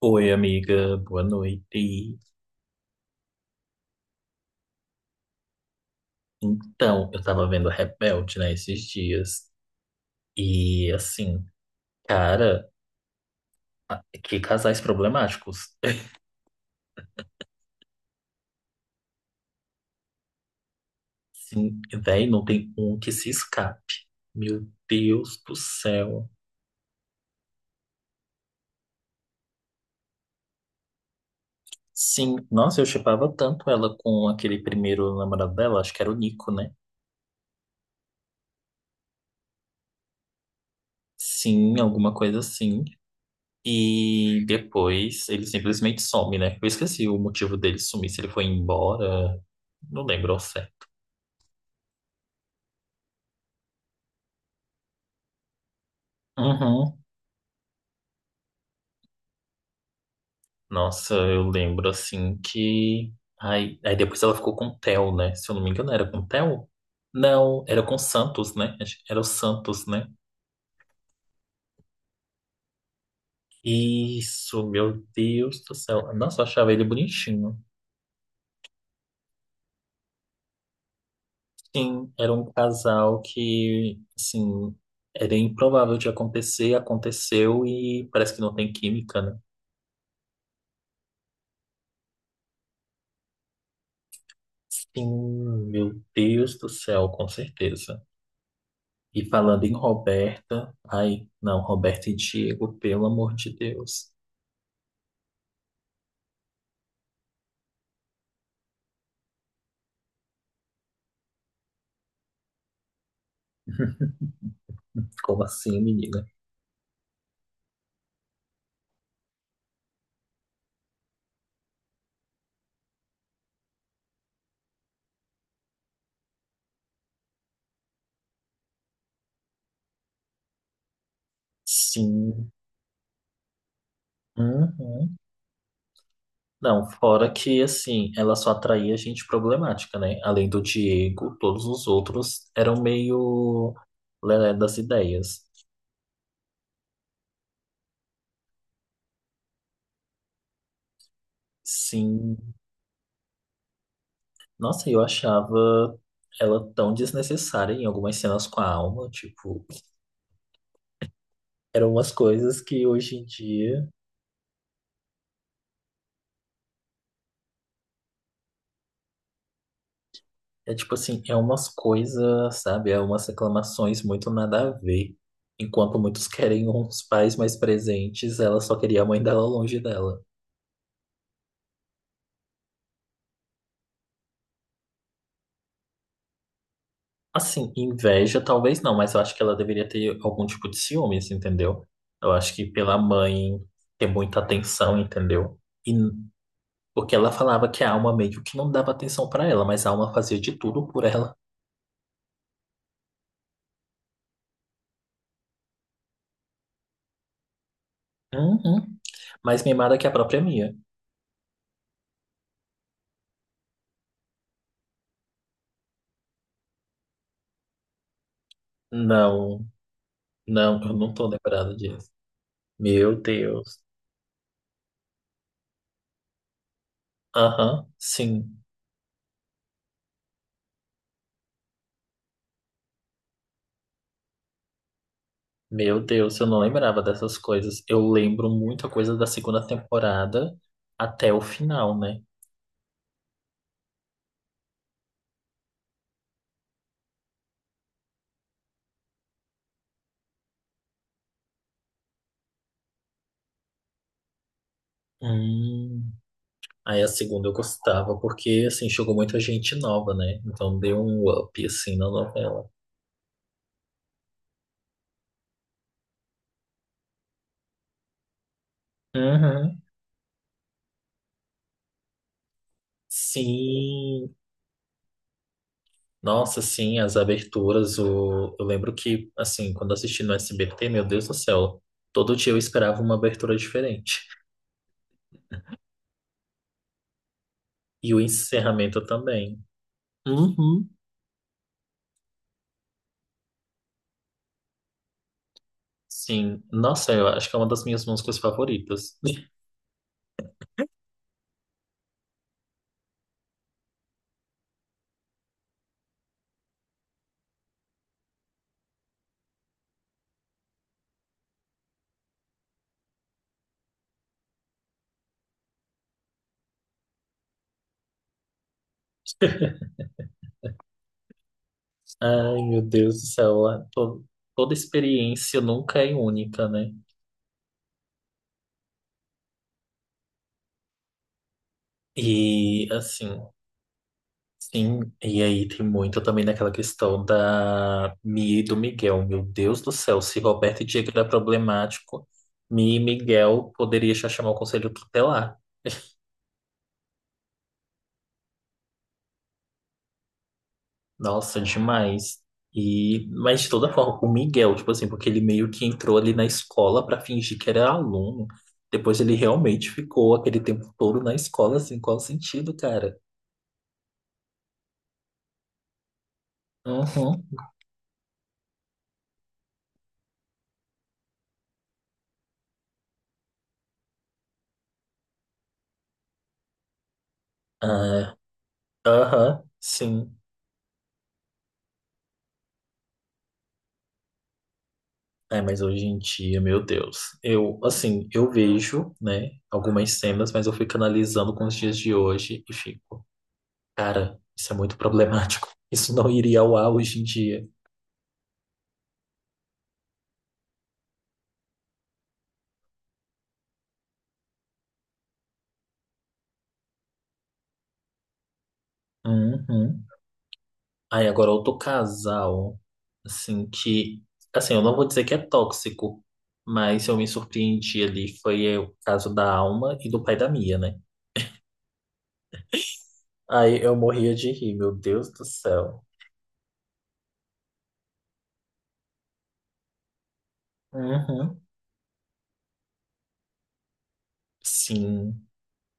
Oi, amiga, boa noite. Então, eu tava vendo Rebelde, né, esses dias. E, assim, cara, que casais problemáticos. Sim, véi, não tem um que se escape. Meu Deus do céu. Sim, nossa, eu chipava tanto ela com aquele primeiro namorado dela, acho que era o Nico, né? Sim, alguma coisa assim. E depois ele simplesmente some, né? Eu esqueci o motivo dele sumir, se ele foi embora. Não lembro ao certo. Uhum. Nossa, eu lembro assim que. Ai, aí depois ela ficou com o Theo, né? Se eu não me engano, era com o Theo? Não, era com o Santos, né? Acho que era o Santos, né? Isso, meu Deus do céu. Nossa, eu achava ele bonitinho. Sim, era um casal que, assim, era improvável de acontecer, aconteceu e parece que não tem química, né? Sim, meu Deus do céu, com certeza. E falando em Roberta, ai, não, Roberta e Diego, pelo amor de Deus. Como assim, menina? Sim. Uhum. Não, fora que, assim, ela só atraía gente problemática, né? Além do Diego, todos os outros eram meio lelé das ideias. Sim. Nossa, eu achava ela tão desnecessária em algumas cenas com a alma, tipo, eram umas coisas que hoje em dia. É tipo assim, é umas coisas, sabe? É umas reclamações muito nada a ver. Enquanto muitos querem uns pais mais presentes, ela só queria a mãe dela longe dela. Assim, inveja talvez não, mas eu acho que ela deveria ter algum tipo de ciúmes, entendeu? Eu acho que pela mãe ter muita atenção, entendeu? E n- Porque ela falava que a alma meio que não dava atenção pra ela, mas a alma fazia de tudo por ela. Uhum. Mais mimada que a própria minha. Não, não, eu não tô lembrado disso. Meu Deus. Aham, sim. Meu Deus, eu não lembrava dessas coisas. Eu lembro muita coisa da segunda temporada até o final, né? Hum. Aí a segunda eu gostava, porque assim, chegou muita gente nova, né? Então deu um up assim na novela. Uhum. Sim. Nossa, sim, as aberturas, eu lembro que assim, quando assisti no SBT, meu Deus do céu, todo dia eu esperava uma abertura diferente. E o encerramento também. Uhum. Sim, nossa, eu acho que é uma das minhas músicas favoritas. Ai, meu Deus do céu, toda experiência nunca é única, né? E assim, sim, e aí tem muito também naquela questão da Mi e do Miguel. Meu Deus do céu, se Roberto e Diego era problemático, Mi e Miguel poderia já chamar o conselho tutelar. Nossa, demais. E, mas de toda forma, o Miguel, tipo assim, porque ele meio que entrou ali na escola pra fingir que era aluno. Depois ele realmente ficou aquele tempo todo na escola, assim, qual o sentido, cara? Uhum. Ah, aham, sim. É, mas hoje em dia, meu Deus. Eu, assim, eu vejo, né, algumas cenas, mas eu fico analisando com os dias de hoje e fico, cara, isso é muito problemático. Isso não iria ao ar hoje em dia. Uhum. Aí agora outro casal, assim, que, assim, eu não vou dizer que é tóxico, mas eu me surpreendi ali, foi o caso da Alma e do pai da Mia, né? Aí eu morria de rir, meu Deus do céu. Uhum. Sim.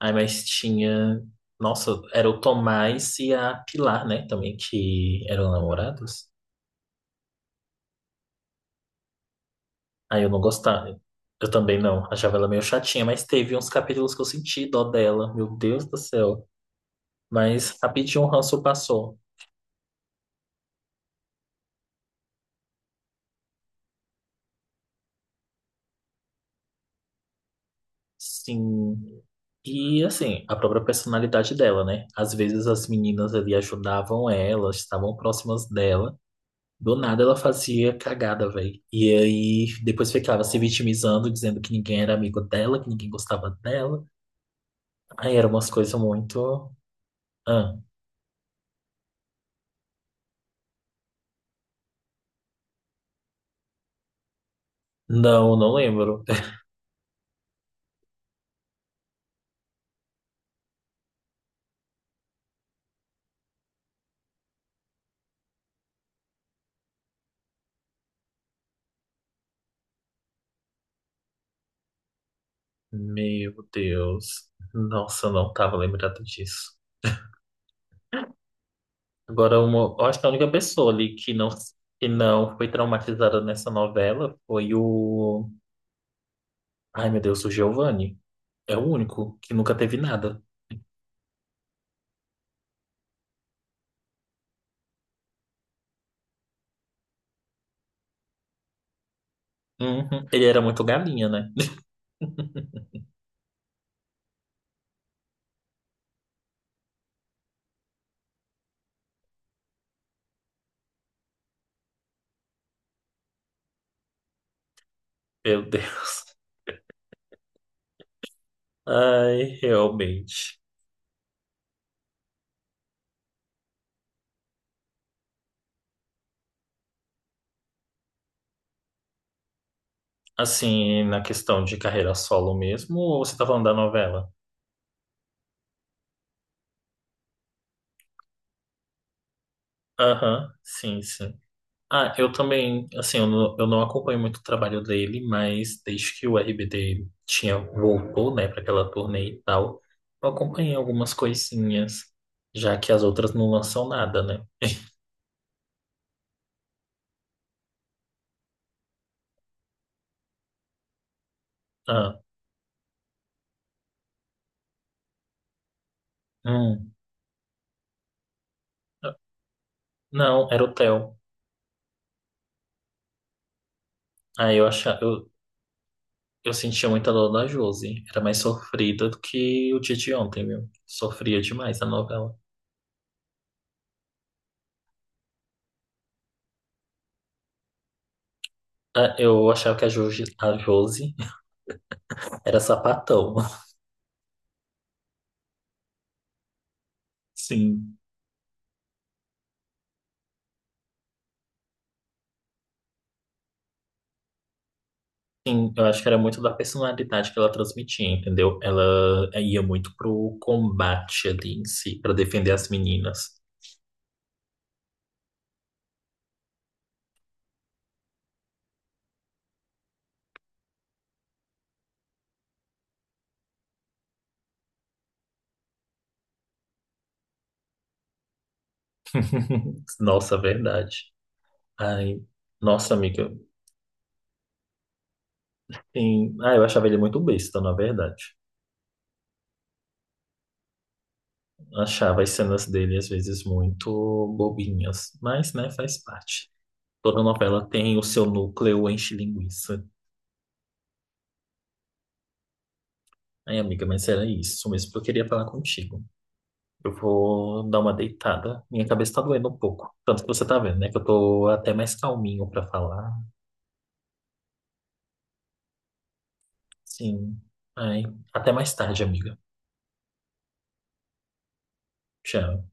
Aí mas tinha, nossa, era o Tomás e a Pilar, né, também, que eram namorados. Aí eu não gostava. Eu também não, achava ela meio chatinha, mas teve uns capítulos que eu senti dó dela, meu Deus do céu. Mas rapidinho o ranço passou. Sim. E assim, a própria personalidade dela, né? Às vezes as meninas ali ajudavam ela, estavam próximas dela. Do nada ela fazia cagada, velho. E aí depois ficava se vitimizando, dizendo que ninguém era amigo dela, que ninguém gostava dela. Aí eram umas coisas muito. Ah, não, não lembro. Meu Deus. Nossa, eu não tava lembrado disso. Agora, uma, eu acho que a única pessoa ali que não foi traumatizada nessa novela foi o. Ai, meu Deus, o Giovanni é o único que nunca teve nada. Uhum. Ele era muito galinha, né? Meu Deus. Ai, realmente. Assim, na questão de carreira solo mesmo, ou você tá falando da novela? Aham, sim. Ah, eu também, assim, eu não acompanho muito o trabalho dele, mas desde que o RBD tinha, voltou, né, para aquela turnê e tal, eu acompanhei algumas coisinhas, já que as outras não lançam nada, né? Ah, hum. Não, era o Theo. Ah, eu sentia muita dor da Josi. Era mais sofrida do que o dia de ontem, viu? Sofria demais a novela. Ah, eu achava que a Josi era sapatão. Sim. Sim, eu acho que era muito da personalidade que ela transmitia, entendeu? Ela ia muito pro combate ali em si, pra defender as meninas. Nossa, verdade. Ai, nossa, amiga. Sim. Ah, eu achava ele muito besta, na verdade. Achava as cenas dele às vezes muito bobinhas, mas, né, faz parte. Toda novela tem o seu núcleo enche-linguiça. Ai, amiga, mas era isso mesmo que eu queria falar contigo. Eu vou dar uma deitada. Minha cabeça tá doendo um pouco. Tanto que você tá vendo, né, que eu tô até mais calminho pra falar. Sim. Ai, até mais tarde, amiga. Tchau.